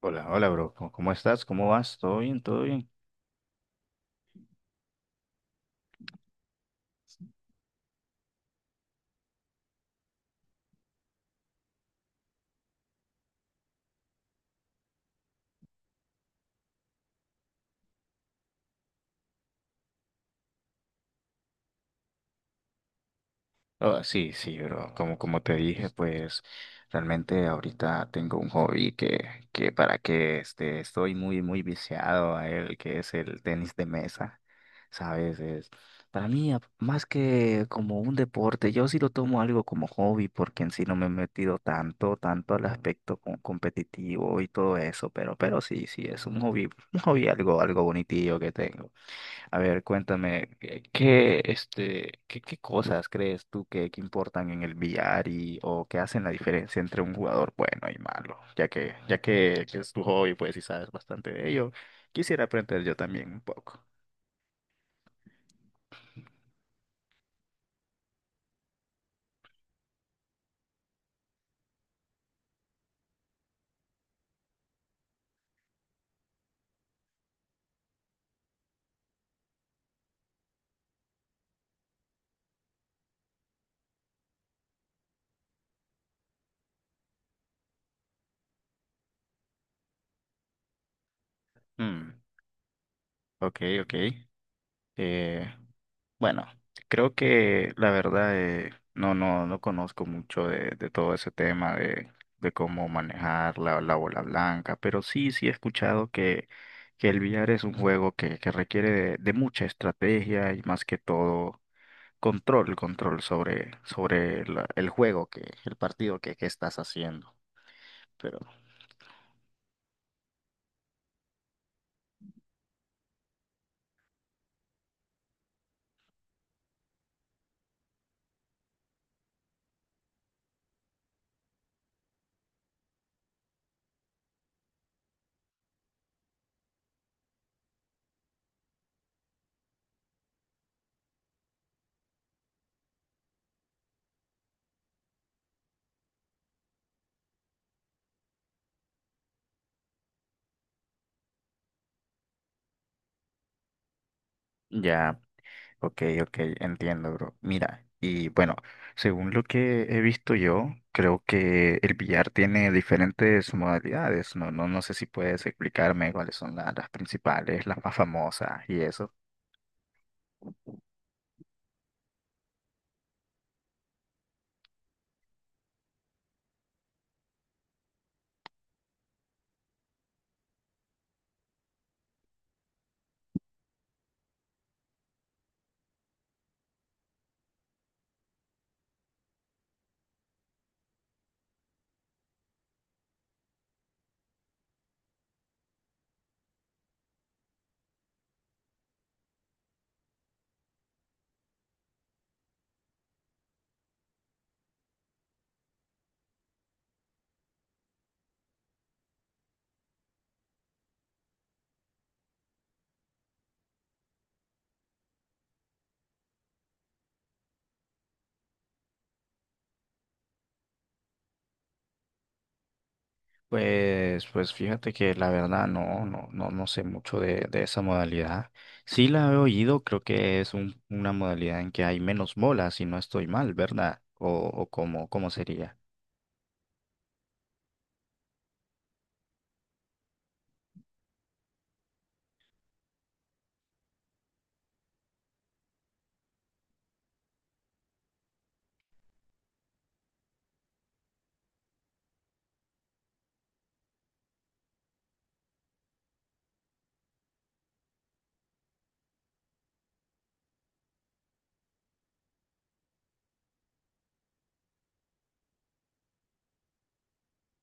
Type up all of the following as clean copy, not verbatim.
Hola, hola, bro. ¿Cómo estás? ¿Cómo vas? ¿Todo bien? ¿Todo bien? Oh, sí, sí, bro. Como te dije, pues realmente ahorita tengo un hobby que estoy muy, muy viciado a él, que es el tenis de mesa. ¿Sabes? Es, para mí, más que como un deporte, yo sí lo tomo algo como hobby, porque en sí no me he metido tanto al aspecto competitivo y todo eso, pero sí, sí, es un hobby algo, algo bonitillo que tengo. A ver, cuéntame, ¿qué cosas crees tú que importan en el billar y o que hacen la diferencia entre un jugador bueno y malo? Ya que es tu hobby, pues, y sabes bastante de ello, quisiera aprender yo también un poco. Mm, ok, ok. Eh, bueno, creo que la verdad no conozco mucho de todo ese tema de cómo manejar la bola blanca, pero sí, sí he escuchado que el billar es un juego que requiere de mucha estrategia y más que todo control, control sobre el juego que, el partido que estás haciendo. Pero ya. Ok, ok, entiendo, bro. Mira, y bueno, según lo que he visto yo, creo que el billar tiene diferentes modalidades. No, no, no sé si puedes explicarme cuáles son las principales, las más famosas y eso. Pues, pues fíjate que la verdad no sé mucho de esa modalidad. Sí la he oído, creo que es una modalidad en que hay menos bolas, si no estoy mal, ¿verdad? O cómo, cómo sería.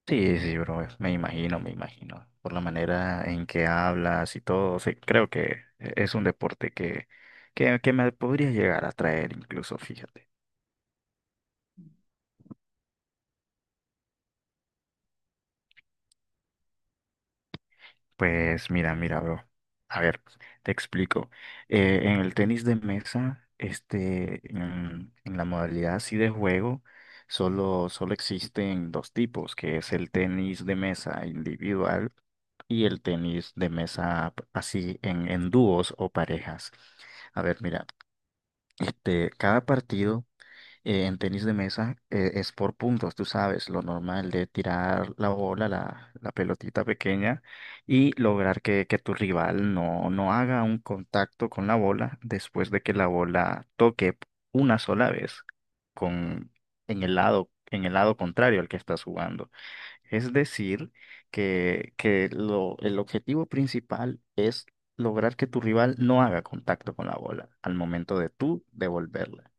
Sí, sí, bro, me imagino, me imagino. Por la manera en que hablas y todo, sí, creo que es un deporte que me podría llegar a traer incluso, fíjate. Pues mira, mira, bro. A ver, te explico. En el tenis de mesa, en la modalidad así de juego, solo, solo existen dos tipos, que es el tenis de mesa individual y el tenis de mesa así en dúos o parejas. A ver, mira, este, cada partido en tenis de mesa es por puntos, tú sabes, lo normal de tirar la bola, la pelotita pequeña y lograr que tu rival no haga un contacto con la bola después de que la bola toque una sola vez con, en el lado contrario al que estás jugando. Es decir, que el objetivo principal es lograr que tu rival no haga contacto con la bola al momento de tú devolverla.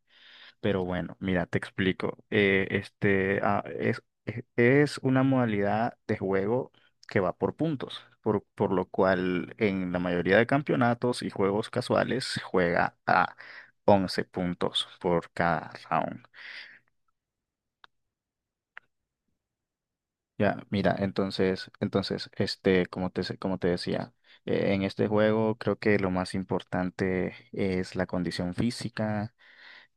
Pero bueno, mira, te explico. Es una modalidad de juego que va por puntos, por lo cual en la mayoría de campeonatos y juegos casuales se juega a 11 puntos por cada round. Ya, mira, como te decía, en este juego creo que lo más importante es la condición física.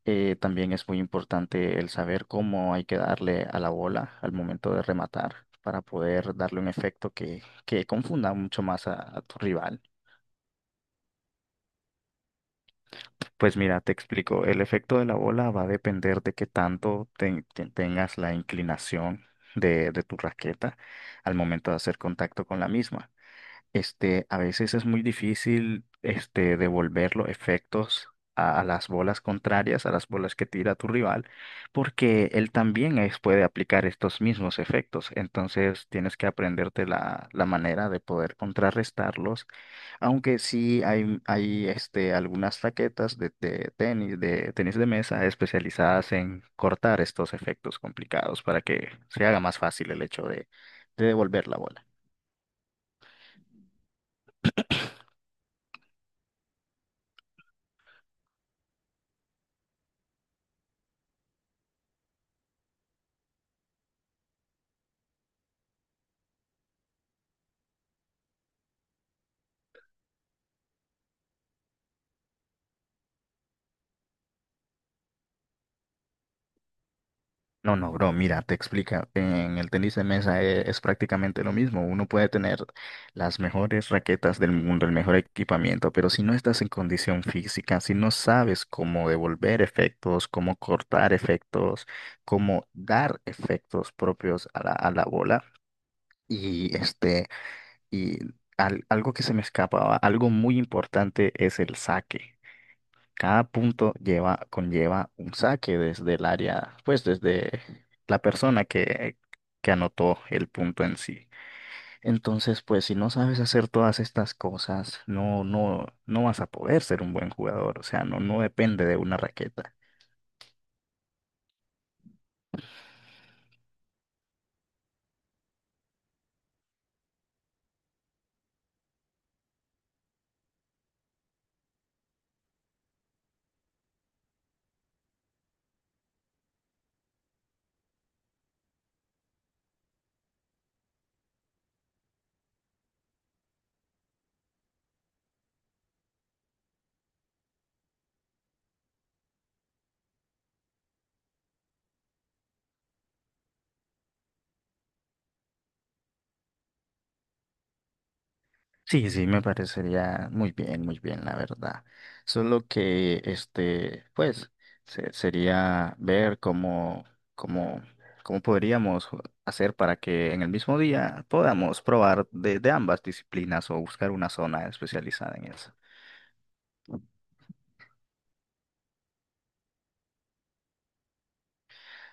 También es muy importante el saber cómo hay que darle a la bola al momento de rematar para poder darle un efecto que confunda mucho más a tu rival. Pues mira, te explico, el efecto de la bola va a depender de qué tanto tengas la inclinación de tu raqueta al momento de hacer contacto con la misma. Este, a veces es muy difícil, este, devolver los efectos a las bolas contrarias, a las bolas que tira tu rival, porque él también puede aplicar estos mismos efectos. Entonces tienes que aprenderte la manera de poder contrarrestarlos, aunque sí hay este, algunas raquetas de tenis de mesa especializadas en cortar estos efectos complicados para que se haga más fácil el hecho de devolver la bola. No, no, bro, mira, te explica. En el tenis de mesa es, prácticamente lo mismo. Uno puede tener las mejores raquetas del mundo, el mejor equipamiento, pero si no estás en condición física, si no sabes cómo devolver efectos, cómo cortar efectos, cómo dar efectos propios a a la bola, y este, y algo que se me escapaba, algo muy importante es el saque. Cada punto lleva, conlleva un saque desde el área, pues desde la persona que anotó el punto en sí. Entonces, pues si no sabes hacer todas estas cosas, no vas a poder ser un buen jugador. O sea, no, no depende de una raqueta. Sí, sí, me parecería muy bien, la verdad. Solo que, este, pues, sería ver cómo, cómo podríamos hacer para que en el mismo día podamos probar de ambas disciplinas o buscar una zona especializada en eso.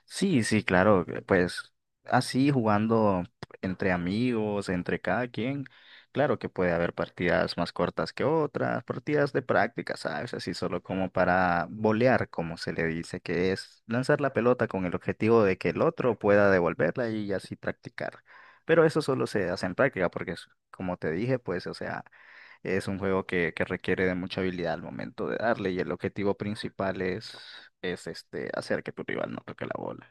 Sí, sí, claro, que, pues así jugando entre amigos, entre cada quien, claro que puede haber partidas más cortas que otras, partidas de práctica, ¿sabes? Así solo como para bolear, como se le dice, que es lanzar la pelota con el objetivo de que el otro pueda devolverla y así practicar. Pero eso solo se hace en práctica porque, como te dije, pues, o sea, es un juego que requiere de mucha habilidad al momento de darle y el objetivo principal es este, hacer que tu rival no toque la bola.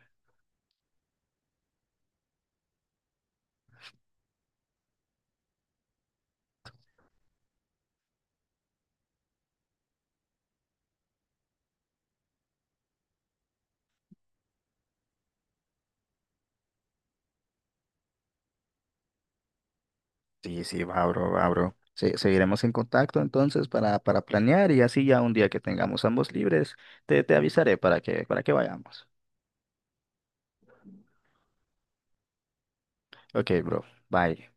Sí, sí, va, bro, va, bro. Seguiremos en contacto entonces para planear y así ya un día que tengamos ambos libres, te avisaré para que vayamos. Ok, bro, bye.